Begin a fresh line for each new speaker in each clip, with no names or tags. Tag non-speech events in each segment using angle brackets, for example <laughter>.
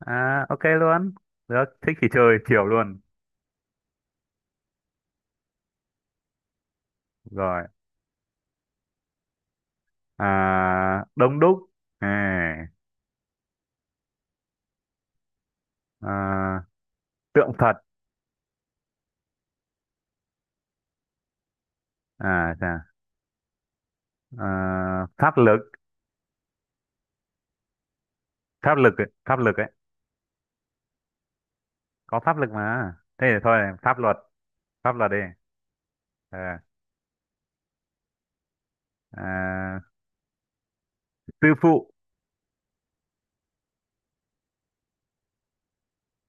À, ok luôn. Được, thích thì chơi chiều luôn. Rồi. À, đông đúc. À, à, tượng Phật. À, chà. À, pháp lực. Pháp lực ấy. Pháp lực ấy. Có pháp lực mà. Thế thì thôi, pháp luật. Pháp luật đi. Ờ, à, sư phụ.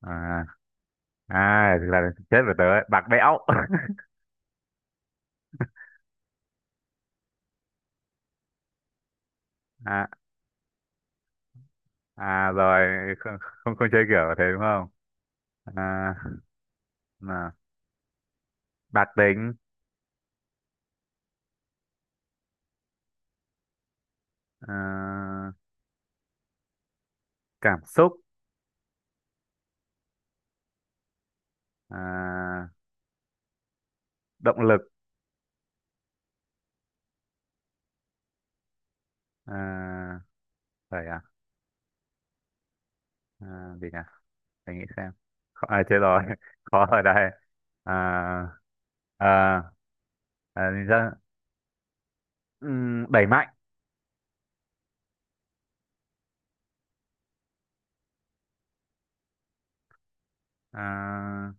À, à, thực là chết rồi tớ ấy. Bạc bẽo. <laughs> À, à rồi, không, không, không chơi kiểu thế đúng không? À, mà, bạc tính. À, cảm xúc. À, động lực. À, phải à, à gì nhỉ, phải nghĩ xem. Khó, à, thế rồi <laughs> khó ở đây. À, à, à, thì ra, đẩy mạnh. À,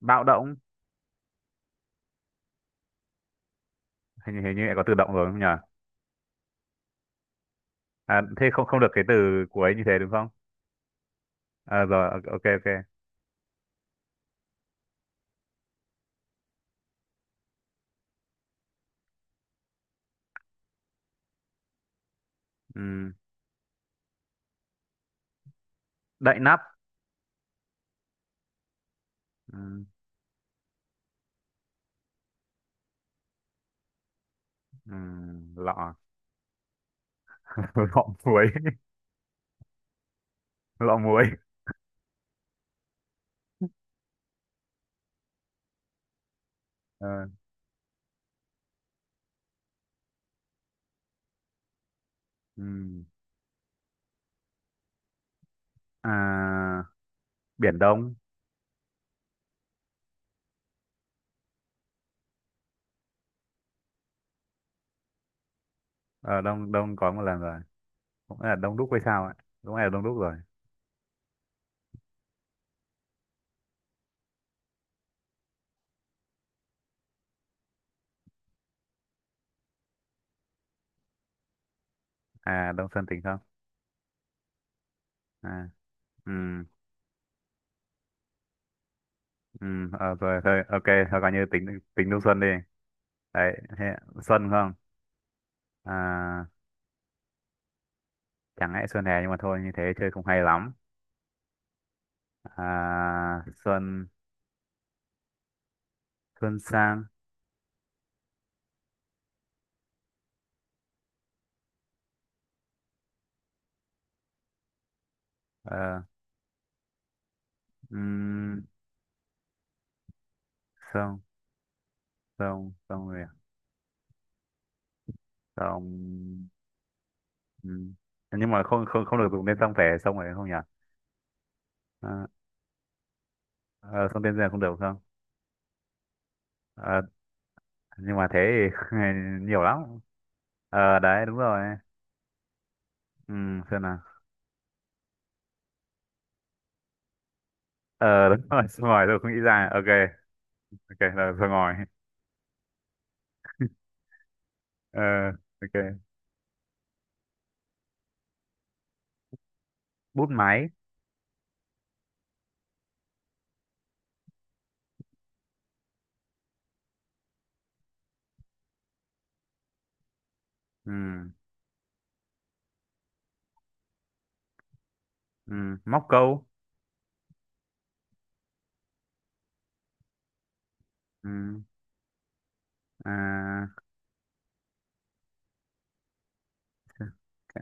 bạo động. Hình như lại có từ động rồi đúng không nhỉ? À, thế không không được cái từ cuối như thế đúng không? À, rồi, ok ok ok. Ừm, đậy nắp. Ừm, ừm, lọ. <laughs> Lọ muối. <laughs> Lọ muối. Ờ, ừm. À, biển đông. Ờ, đông đông có một lần rồi, cũng là Đông Đúc hay sao ạ? Đúng là Đông Đúc rồi. À, Đông Xuân tính không? À, ừ, ừ, ờ, rồi thôi ok. Thôi coi như tính tính Đông Xuân đi. Đấy thế, Xuân không. À, chẳng lẽ Xuân hè, nhưng mà thôi như thế chơi cũng hay lắm. À, Xuân, Xuân sang. Ờ, um, sông. Sông rồi à? Sông. Ừm. Nhưng mà không không không được dùng tên sông phải, sông phải không nhỉ? À, ờ, sông tên giang không được không? Ờ, nhưng mà thế thì <laughs> nhiều lắm. Ờ đấy, đúng rồi. Ừ, xem nào. Ờ, <laughs> đúng rồi, sơ ngòi tôi không nghĩ ra, ok. Ok là sơ ngòi. Ờ, ok. Bút máy. Ừ, ừ, móc câu. Ừ, à,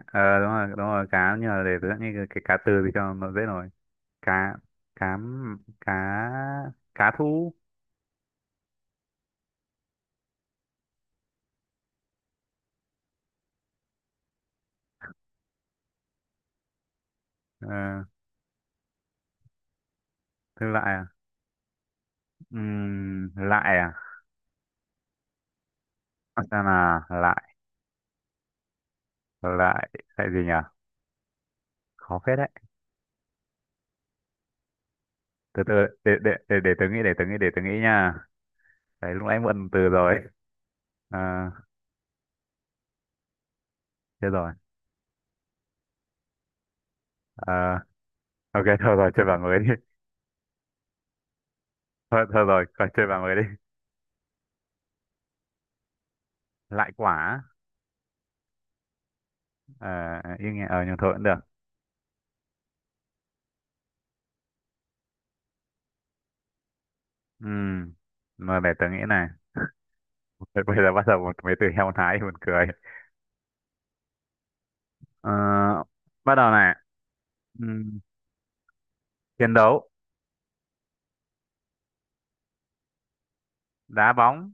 ờ đúng rồi, đúng rồi, cá, nhưng mà để tôi nghĩ cái cá từ thì cho nó dễ rồi. Cá, cá, cá thu. Ờ, thư lại à? Ừ, lại à? Xem là lại. Lại. Lại gì nhỉ? Khó phết đấy. Từ từ, để tớ nghĩ, để tớ nghĩ, để tớ nghĩ nha. Đấy, lúc nãy mượn từ rồi. À, chết rồi. À, ok thôi rồi, chơi bảng mới đi. <laughs> Thôi thôi rồi, coi chơi bảng mới đi. Lại quả. À, yên nghe, ờ nhưng thôi cũng được. Ừm, mà để tớ nghĩ này. <laughs> Thôi, bây giờ bắt đầu một mấy từ heo thái thì buồn cười. Ờ, bắt đầu này. Ừm, chiến đấu. Đá bóng.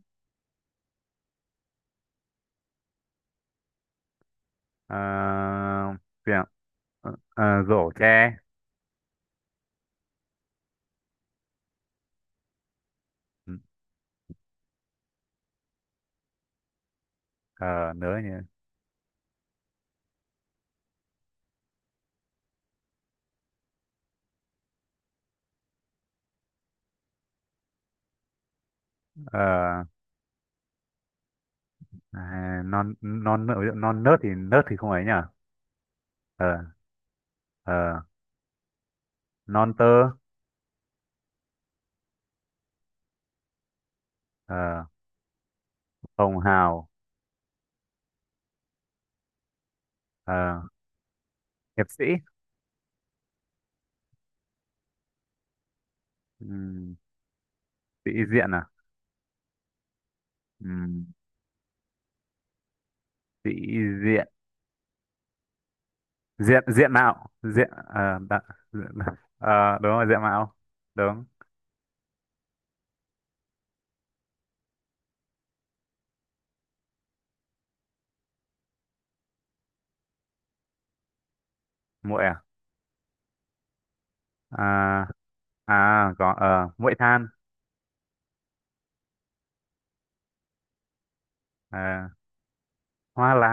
Ờ, gì ạ? Ờ, rổ tre. Nữa nhỉ. Ờ, à, non, non nớt thì nớt thì không ấy nhỉ? Ờ ờ non tơ. Ờ, hồng hào. Ờ, hiệp sĩ. Ừm, sĩ diện à? Ừm, sĩ diện, diện, diện mạo diện, diện, ờ, đúng rồi, diện mạo. Đúng. Muội à? À, à có, ờ muội than. Ờ, hoa lá.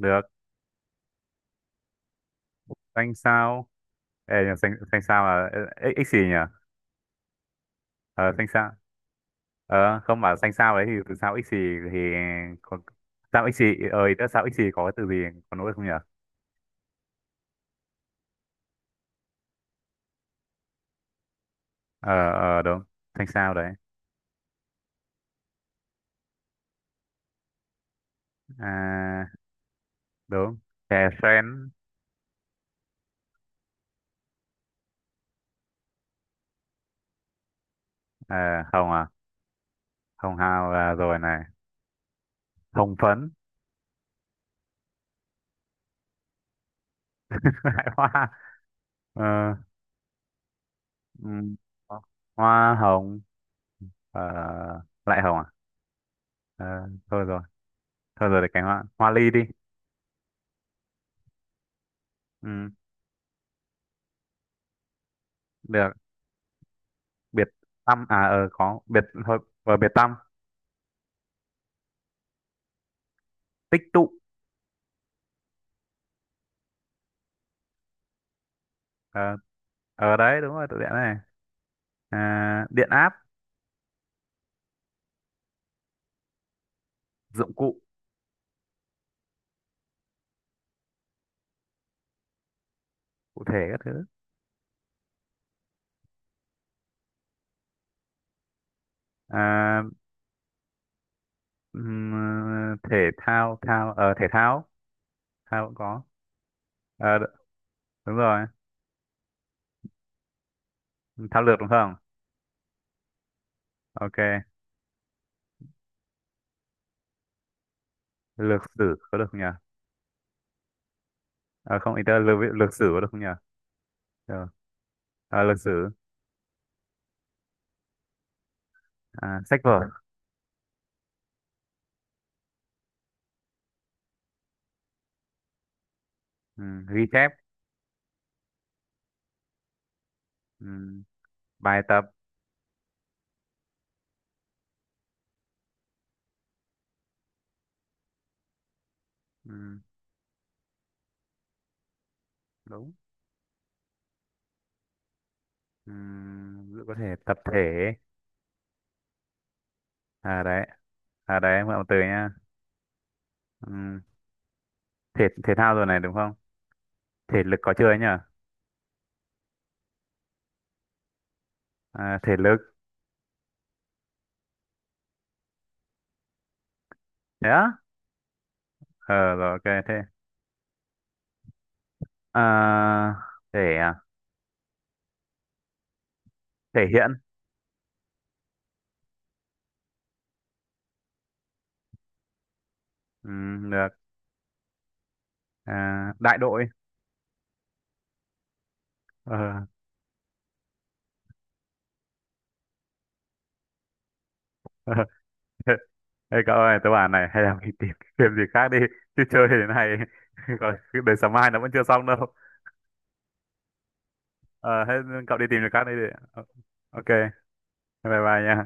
Được, xanh sao. Ê, nhờ, xanh xanh sao là x xì nhỉ. Ờ, xanh sao. Ờ, không, bảo xanh sao ấy thì từ sao x xì thì có sao ích xì. Ơi, đã sao ích xì có cái từ gì, có nỗi không nhỉ? Ờ, đúng, thanh sao đấy. À, đúng. Chè sen. Ờ, hồng à? Hồng hào là rồi này. Hồng phấn. <laughs> Lại hoa. Ờ, ừm, hoa hồng. Ờ, lại hồng à? Ờ, thôi rồi, thôi rồi, để cái hoa hoa ly đi. Ừ, được, biệt tâm à? Ờ, có biệt thôi, và biệt tâm. Tích tụ. Ờ ờ đấy đúng rồi, tụ điện này. À, điện áp. Dụng cụ. Cụ thể các thứ. À, ừm, ờ, thể thao, thao, ờ thể thao, thao cũng có. Ờ, đúng rồi, thao lược đúng không? Ok. Lược sử có được không nhỉ? Ờ, không, ý tớ lược sử có được không nhỉ? Được. Ờ, lược sử. À, sách vở. Ghi chép. Ừm, bài tập. Ừm, đúng. Có thể tập thể. À đấy, à đấy em gọi một từ nha. Ừm, thể thể thao rồi này đúng không, thể lực có chưa ấy nhỉ? À, thể lực. Thế á? Ờ rồi, ok. Thế. À, thể à? Thể hiện. Ừ, được. À, đại đội. Ờ. <laughs> Ê cậu ơi, tớ bảo này, hay là mình tìm cái game gì khác đi, chứ chơi thế này <laughs> còn cái đời sáng mai nó vẫn chưa xong đâu. Ờ thế, cậu đi tìm việc khác đi. Ờ, ok, bye bye nha.